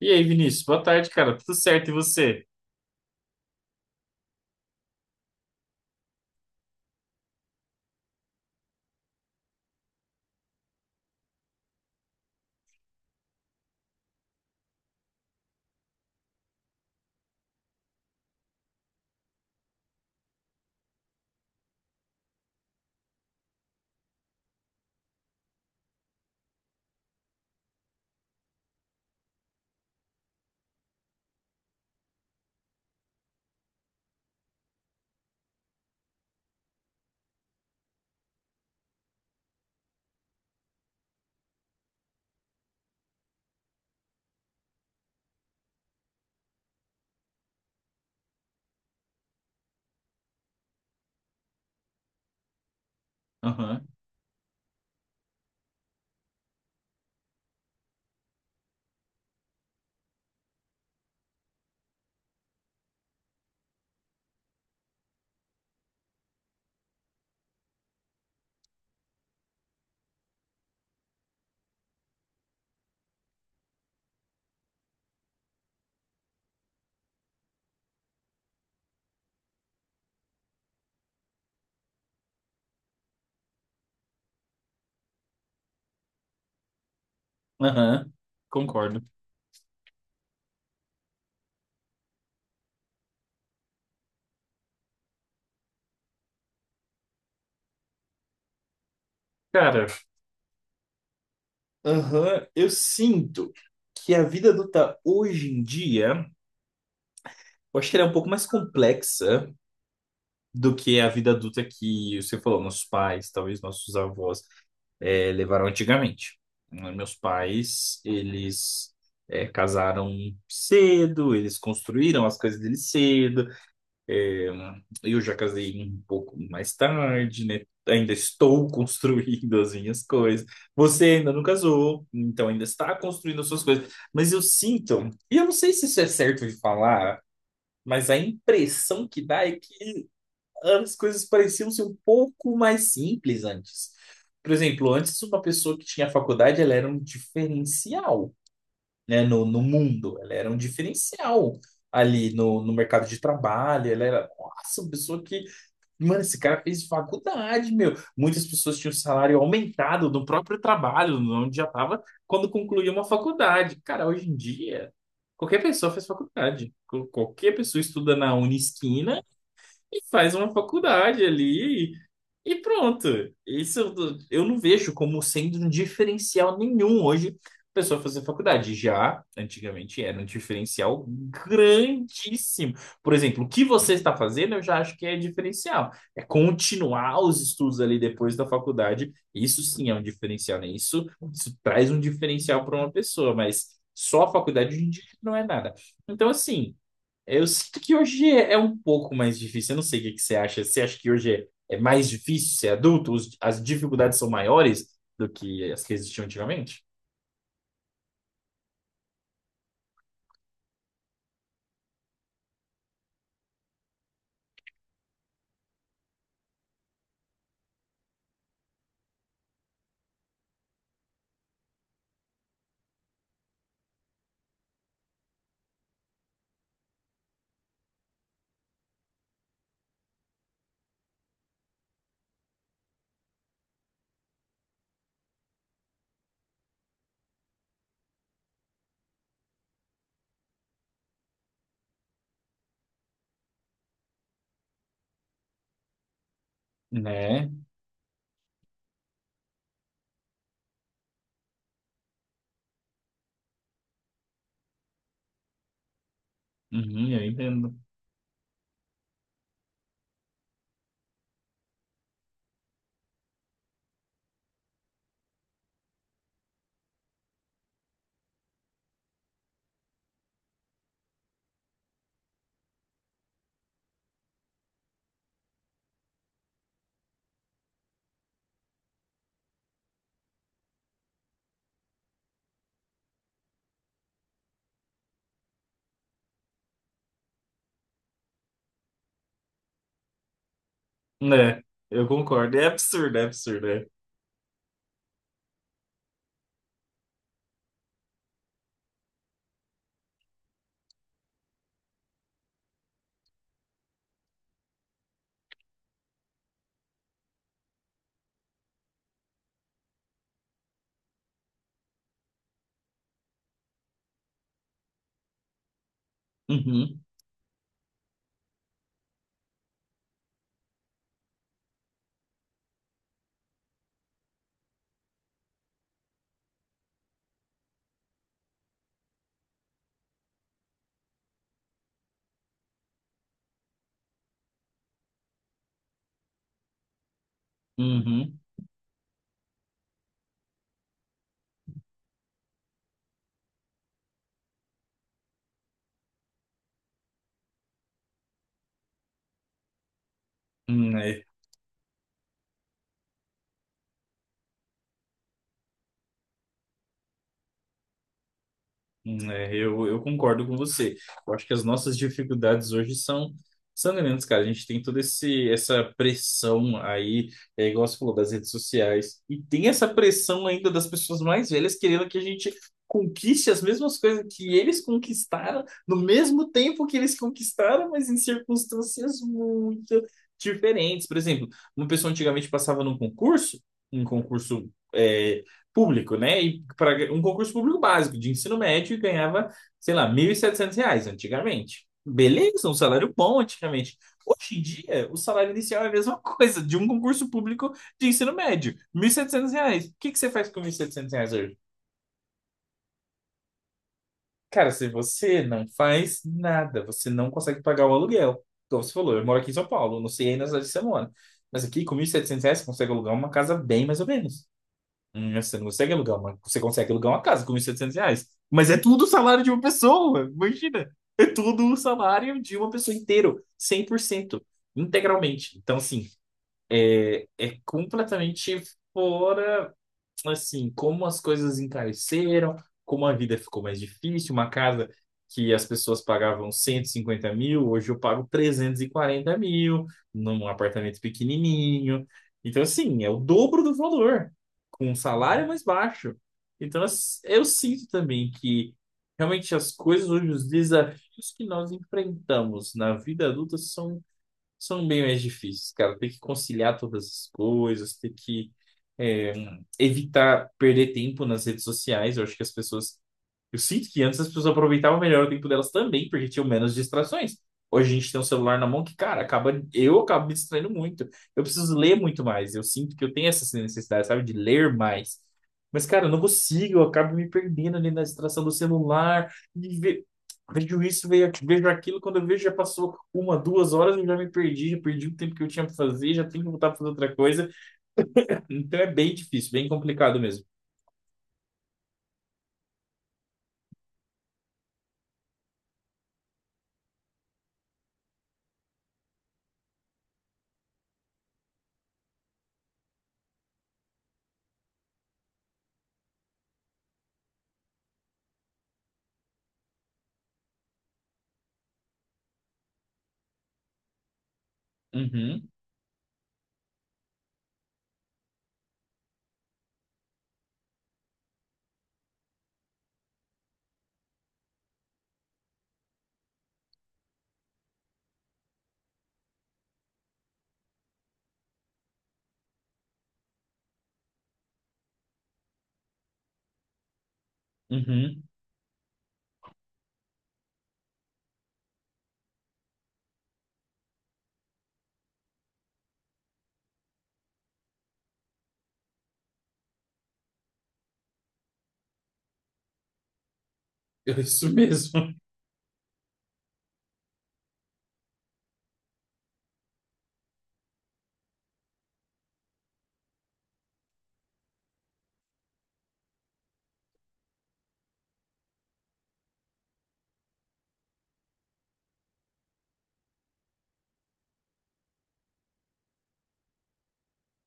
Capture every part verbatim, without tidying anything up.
E aí, Vinícius, boa tarde, cara. Tudo certo, e você? Aham, aham, concordo. Cara, aham, eu sinto que a vida adulta hoje em dia, eu acho que ela é um pouco mais complexa do que a vida adulta que você falou, nossos pais, talvez nossos avós, eh, levaram antigamente. Né, meus pais, eles eh, casaram cedo, eles construíram as coisas deles cedo. É, eu já casei um pouco mais tarde, né? Ainda estou construindo as minhas coisas. Você ainda não casou, então ainda está construindo as suas coisas. Mas eu sinto, e eu não sei se isso é certo de falar, mas a impressão que dá é que as coisas pareciam ser um pouco mais simples antes. Por exemplo, antes uma pessoa que tinha faculdade, ela era um diferencial, né, no, no mundo. Ela era um diferencial ali no, no mercado de trabalho. Ela era, nossa, uma pessoa que, mano, esse cara fez faculdade, meu. Muitas pessoas tinham um salário aumentado no próprio trabalho, onde já estava, quando concluía uma faculdade. Cara, hoje em dia, qualquer pessoa faz faculdade. Qual- Qualquer pessoa estuda na Unisquina e faz uma faculdade ali e pronto. Isso eu eu não vejo como sendo um diferencial nenhum hoje a pessoa fazer faculdade. Já antigamente era um diferencial grandíssimo. Por exemplo, o que você está fazendo, eu já acho que é diferencial. É continuar os estudos ali depois da faculdade. Isso sim é um diferencial, né? Isso, isso traz um diferencial para uma pessoa, mas só a faculdade hoje em dia não é nada. Então, assim. Eu sinto que hoje é é um pouco mais difícil. Eu não sei o que que você acha. Você acha que hoje é é mais difícil ser adulto? Os- As dificuldades são maiores do que as que existiam antigamente? Né? Uhum, eu entendo. Né? Eu concordo. É absurdo, é absurdo. É. Uhum, uhum. Hum, é. Hum, é, eu, eu concordo com você. Eu acho que as nossas dificuldades hoje são, são grandes, cara. A gente tem toda esse, essa pressão aí, é, igual você falou, das redes sociais. E tem essa pressão ainda das pessoas mais velhas querendo que a gente conquiste as mesmas coisas que eles conquistaram, no mesmo tempo que eles conquistaram, mas em circunstâncias muito diferentes. Por exemplo, uma pessoa antigamente passava num concurso, um concurso, é, público, né? E para um concurso público básico de ensino médio e ganhava, sei lá, mil e setecentos reais antigamente. Beleza, um salário bom antigamente. Hoje em dia, o salário inicial é a mesma coisa de um concurso público de ensino médio, mil e setecentos reais. O que que você faz com mil e setecentos reais hoje? Cara, se você não faz nada, você não consegue pagar o aluguel. Como você falou, eu moro aqui em São Paulo, não sei aí na cidade de semana. Mas aqui, com mil e setecentos reais, você consegue alugar uma casa bem mais ou menos. Hum, Você não consegue alugar uma, você consegue alugar uma casa com mil e setecentos reais. Mas é tudo o salário de uma pessoa, imagina. É tudo o salário de uma pessoa inteiro, cem por cento, integralmente. Então, assim, é é completamente fora assim, como as coisas encareceram, como a vida ficou mais difícil, uma casa que as pessoas pagavam cento e cinquenta mil, hoje eu pago trezentos e quarenta mil num apartamento pequenininho. Então, assim, é o dobro do valor, com um salário mais baixo. Então, as- eu sinto também que realmente as coisas hoje, os desafios que nós enfrentamos na vida adulta são são bem mais difíceis, cara. Tem que conciliar todas as coisas, tem que é, evitar perder tempo nas redes sociais. Eu acho que as pessoas. Eu sinto que antes as pessoas aproveitavam melhor o tempo delas também, porque tinham menos distrações. Hoje a gente tem um celular na mão que, cara, acaba, eu acabo me distraindo muito. Eu preciso ler muito mais. Eu sinto que eu tenho essa necessidade, sabe, de ler mais. Mas, cara, eu não consigo, eu acabo me perdendo ali na distração do celular. Vejo isso, vejo aqu- vejo aquilo, quando eu vejo já passou uma, duas horas, eu já me perdi, já perdi o tempo que eu tinha para fazer, já tenho que voltar para fazer outra coisa. Então é bem difícil, bem complicado mesmo. Uhum, uhum, é isso mesmo.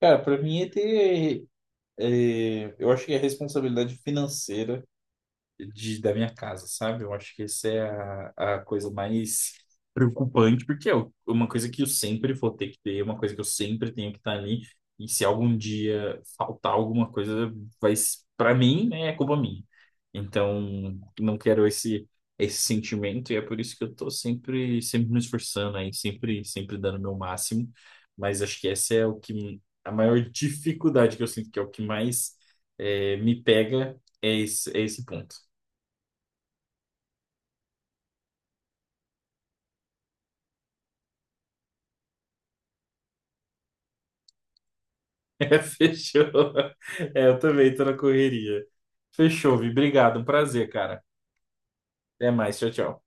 Cara, para mim é ter, é, eu acho que é responsabilidade financeira de- da minha casa, sabe? Eu acho que essa é a, a coisa mais preocupante, porque é o- uma coisa que eu sempre vou ter que ter, uma coisa que eu sempre tenho que estar ali, e se algum dia faltar alguma coisa, vai, para mim, né, é culpa minha. Então, não quero esse, esse sentimento, e é por isso que eu tô sempre sempre me esforçando aí, sempre sempre dando o meu máximo, mas acho que essa é o que a maior dificuldade que eu sinto, que é o que mais eh, me pega é esse, é esse ponto. É, fechou. É, eu também tô na correria. Fechou, Vi. Obrigado, um prazer, cara. Até mais, tchau, tchau.